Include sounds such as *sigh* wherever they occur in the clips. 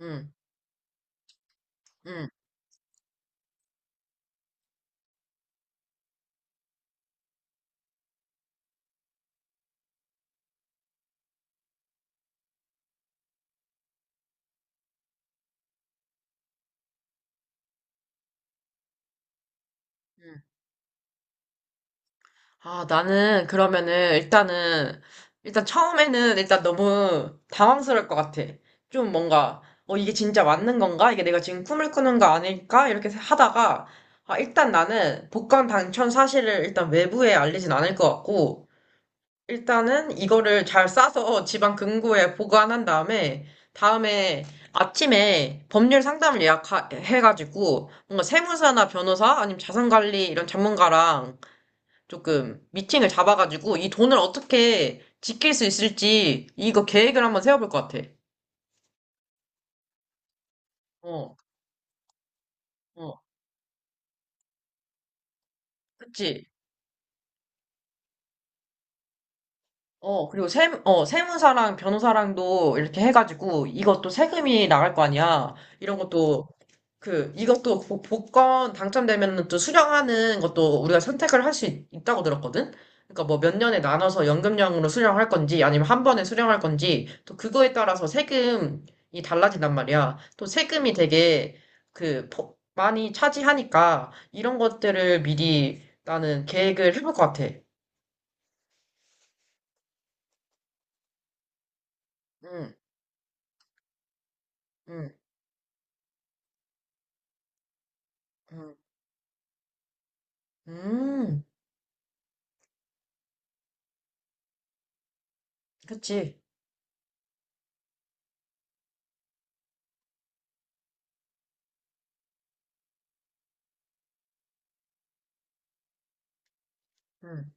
응, 응, 응. 아, 나는 그러면은 일단은 일단 처음에는 일단 너무 당황스러울 것 같아. 좀 뭔가 이게 진짜 맞는 건가? 이게 내가 지금 꿈을 꾸는 거 아닐까? 이렇게 하다가 아, 일단 나는 복권 당첨 사실을 일단 외부에 알리진 않을 것 같고 일단은 이거를 잘 싸서 지방 금고에 보관한 다음에 아침에 법률 상담을 예약해가지고 뭔가 세무사나 변호사 아니면 자산관리 이런 전문가랑 조금 미팅을 잡아가지고 이 돈을 어떻게 지킬 수 있을지 이거 계획을 한번 세워볼 것 같아. 어, 어, 그치? 어, 그리고 세무사랑 변호사랑도 이렇게 해가지고 이것도 세금이 나갈 거 아니야. 이런 것도 그 복권 당첨되면 또 수령하는 것도 우리가 선택을 할 수 있다고 들었거든. 그러니까 뭐 몇 년에 나눠서 연금형으로 수령할 건지 아니면 한 번에 수령할 건지 또 그거에 따라서 세금이 달라진단 말이야. 또 세금이 되게 많이 차지하니까 이런 것들을 미리 나는 계획을 해볼 것 같아. 응, 응, 응. 음, 그치. 음,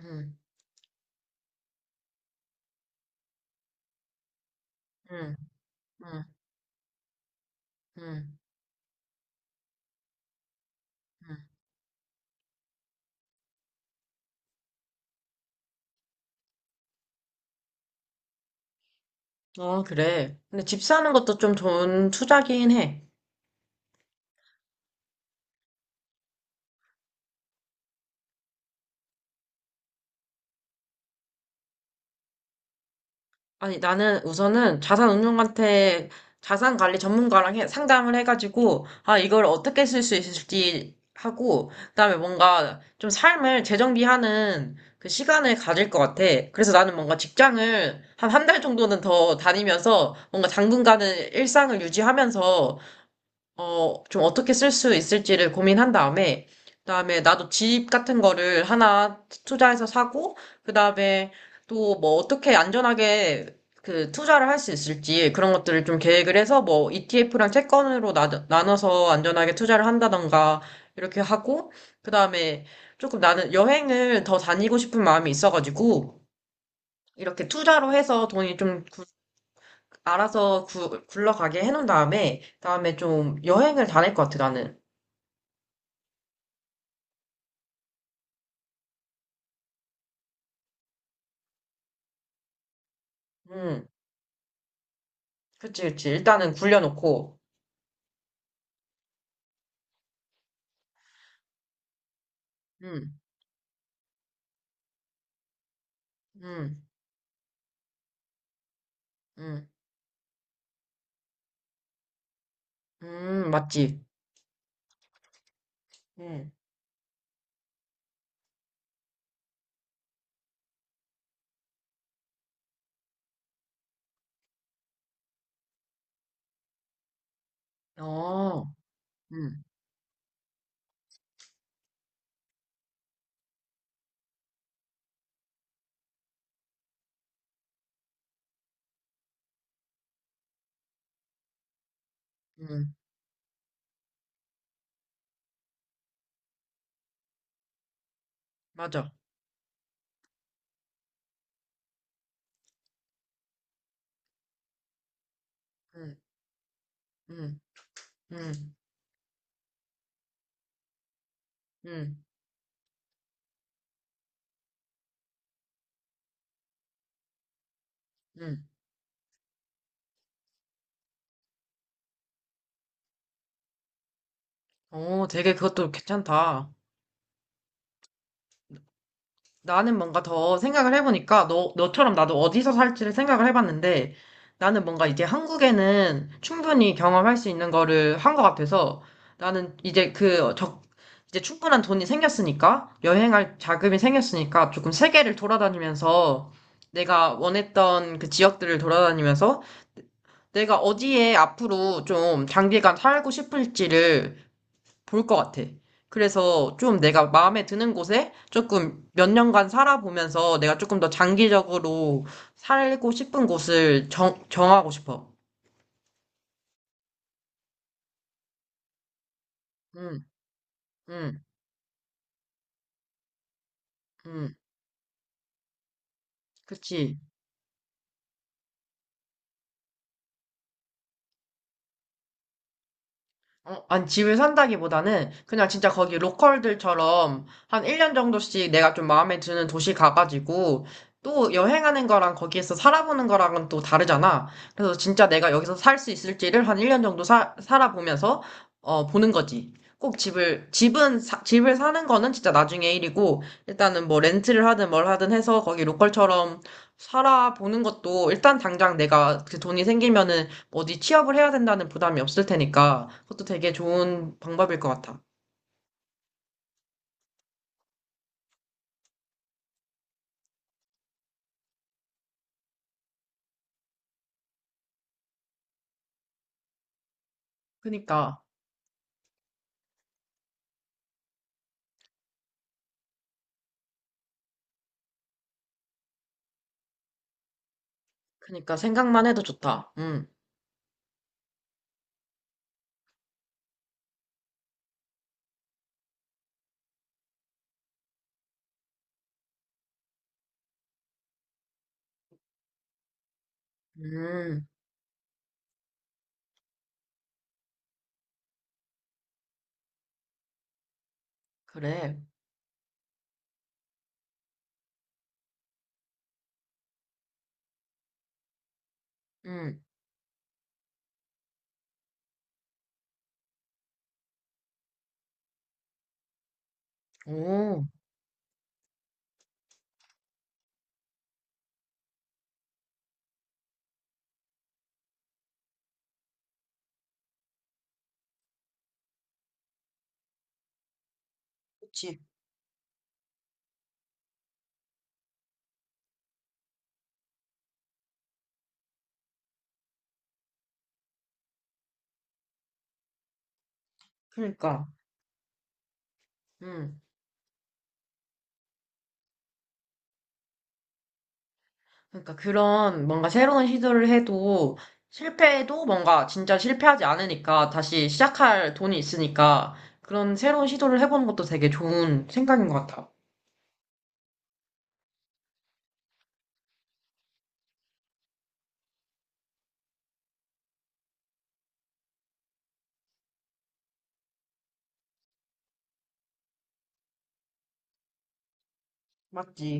응, 응, 응, 응, 응. 어, 그래. 근데 집 사는 것도 좀 좋은 투자긴 해. 아니, 나는 우선은 자산운용한테 자산 관리 전문가랑 상담을 해가지고, 아, 이걸 어떻게 쓸 수 있을지 하고, 그다음에 뭔가 좀 삶을 재정비하는 그 시간을 가질 것 같아. 그래서 나는 뭔가 직장을 한 한 달 정도는 더 다니면서 뭔가 당분간은 일상을 유지하면서 어, 좀 어떻게 쓸 수 있을지를 고민한 다음에, 그다음에 나도 집 같은 거를 하나 투자해서 사고, 그다음에 또 뭐 어떻게 안전하게 그 투자를 할 수 있을지 그런 것들을 좀 계획을 해서 뭐 ETF랑 채권으로 나눠서 안전하게 투자를 한다던가 이렇게 하고, 그다음에 조금 나는 여행을 더 다니고 싶은 마음이 있어가지고, 이렇게 투자로 해서 돈이 좀 굴러가게 해놓은 다음에, 다음에 좀 여행을 다닐 것 같아, 나는. 음, 그치, 그치. 일단은 굴려놓고, 음, 음, 음, 맞지. 음, 어, 음, 음, 맞아. 음, 음, 음, 음, 음. 어, 되게 그것도 괜찮다. 나는 뭔가 더 생각을 해보니까 너처럼 나도 어디서 살지를 생각을 해봤는데 나는 뭔가 이제 한국에는 충분히 경험할 수 있는 거를 한 것 같아서 나는 이제 충분한 돈이 생겼으니까 여행할 자금이 생겼으니까 조금 세계를 돌아다니면서 내가 원했던 그 지역들을 돌아다니면서 내가 어디에 앞으로 좀 장기간 살고 싶을지를 볼 것 같아. 그래서 좀 내가 마음에 드는 곳에 조금 몇 년간 살아보면서 내가 조금 더 장기적으로 살고 싶은 곳을 정하고 싶어. 응, 응, 응. 그치. 어, 아니, 집을 산다기보다는 그냥 진짜 거기 로컬들처럼 한 1년 정도씩 내가 좀 마음에 드는 도시 가가지고 또 여행하는 거랑 거기에서 살아보는 거랑은 또 다르잖아. 그래서 진짜 내가 여기서 살 수 있을지를 한 1년 정도 살아보면서 어, 보는 거지. 꼭 집을 사는 거는 진짜 나중에 일이고, 일단은 뭐 렌트를 하든 뭘 하든 해서 거기 로컬처럼 살아보는 것도 일단 당장 내가 그 돈이 생기면은 어디 취업을 해야 된다는 부담이 없을 테니까 그것도 되게 좋은 방법일 것 같아. 그니까, 그니까 생각만 해도 좋다. 음, 그래, 음, 오, 그치. 그니까, 음, 그니까 그런 뭔가 새로운 시도를 해도 실패해도 뭔가 진짜 실패하지 않으니까 다시 시작할 돈이 있으니까 그런 새로운 시도를 해보는 것도 되게 좋은 생각인 것 같아. 맞지?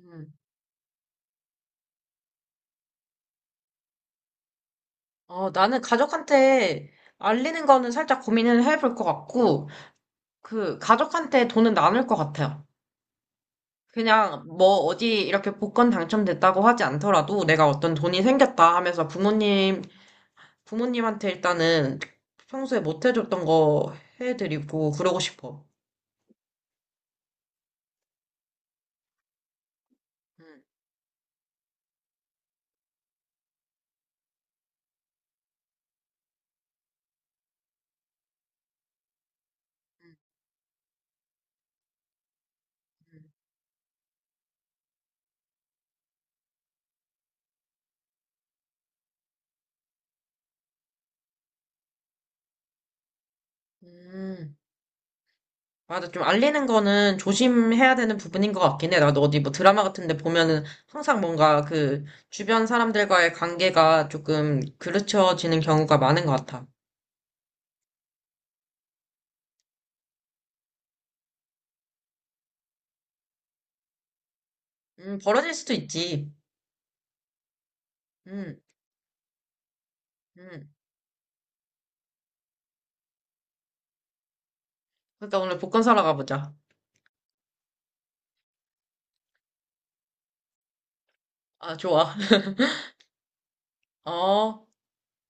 음. 어, 나는 가족한테 알리는 거는 살짝 고민을 해볼 것 같고, 그 가족한테 돈은 나눌 것 같아요. 그냥 뭐 어디 이렇게 복권 당첨됐다고 하지 않더라도 내가 어떤 돈이 생겼다 하면서 부모님한테 일단은 평소에 못 해줬던 거 해드리고 그러고 싶어. 음, 음, 음. 음, 맞아. 좀 알리는 거는 조심해야 되는 부분인 것 같긴 해. 나도 어디 뭐 드라마 같은 데 보면은 항상 뭔가 그 주변 사람들과의 관계가 조금 그르쳐지는 경우가 많은 것 같아. 벌어질 수도 있지. 음, 음. 그러니까 오늘 복권 사러 가보자. 아, 좋아. *laughs* 어.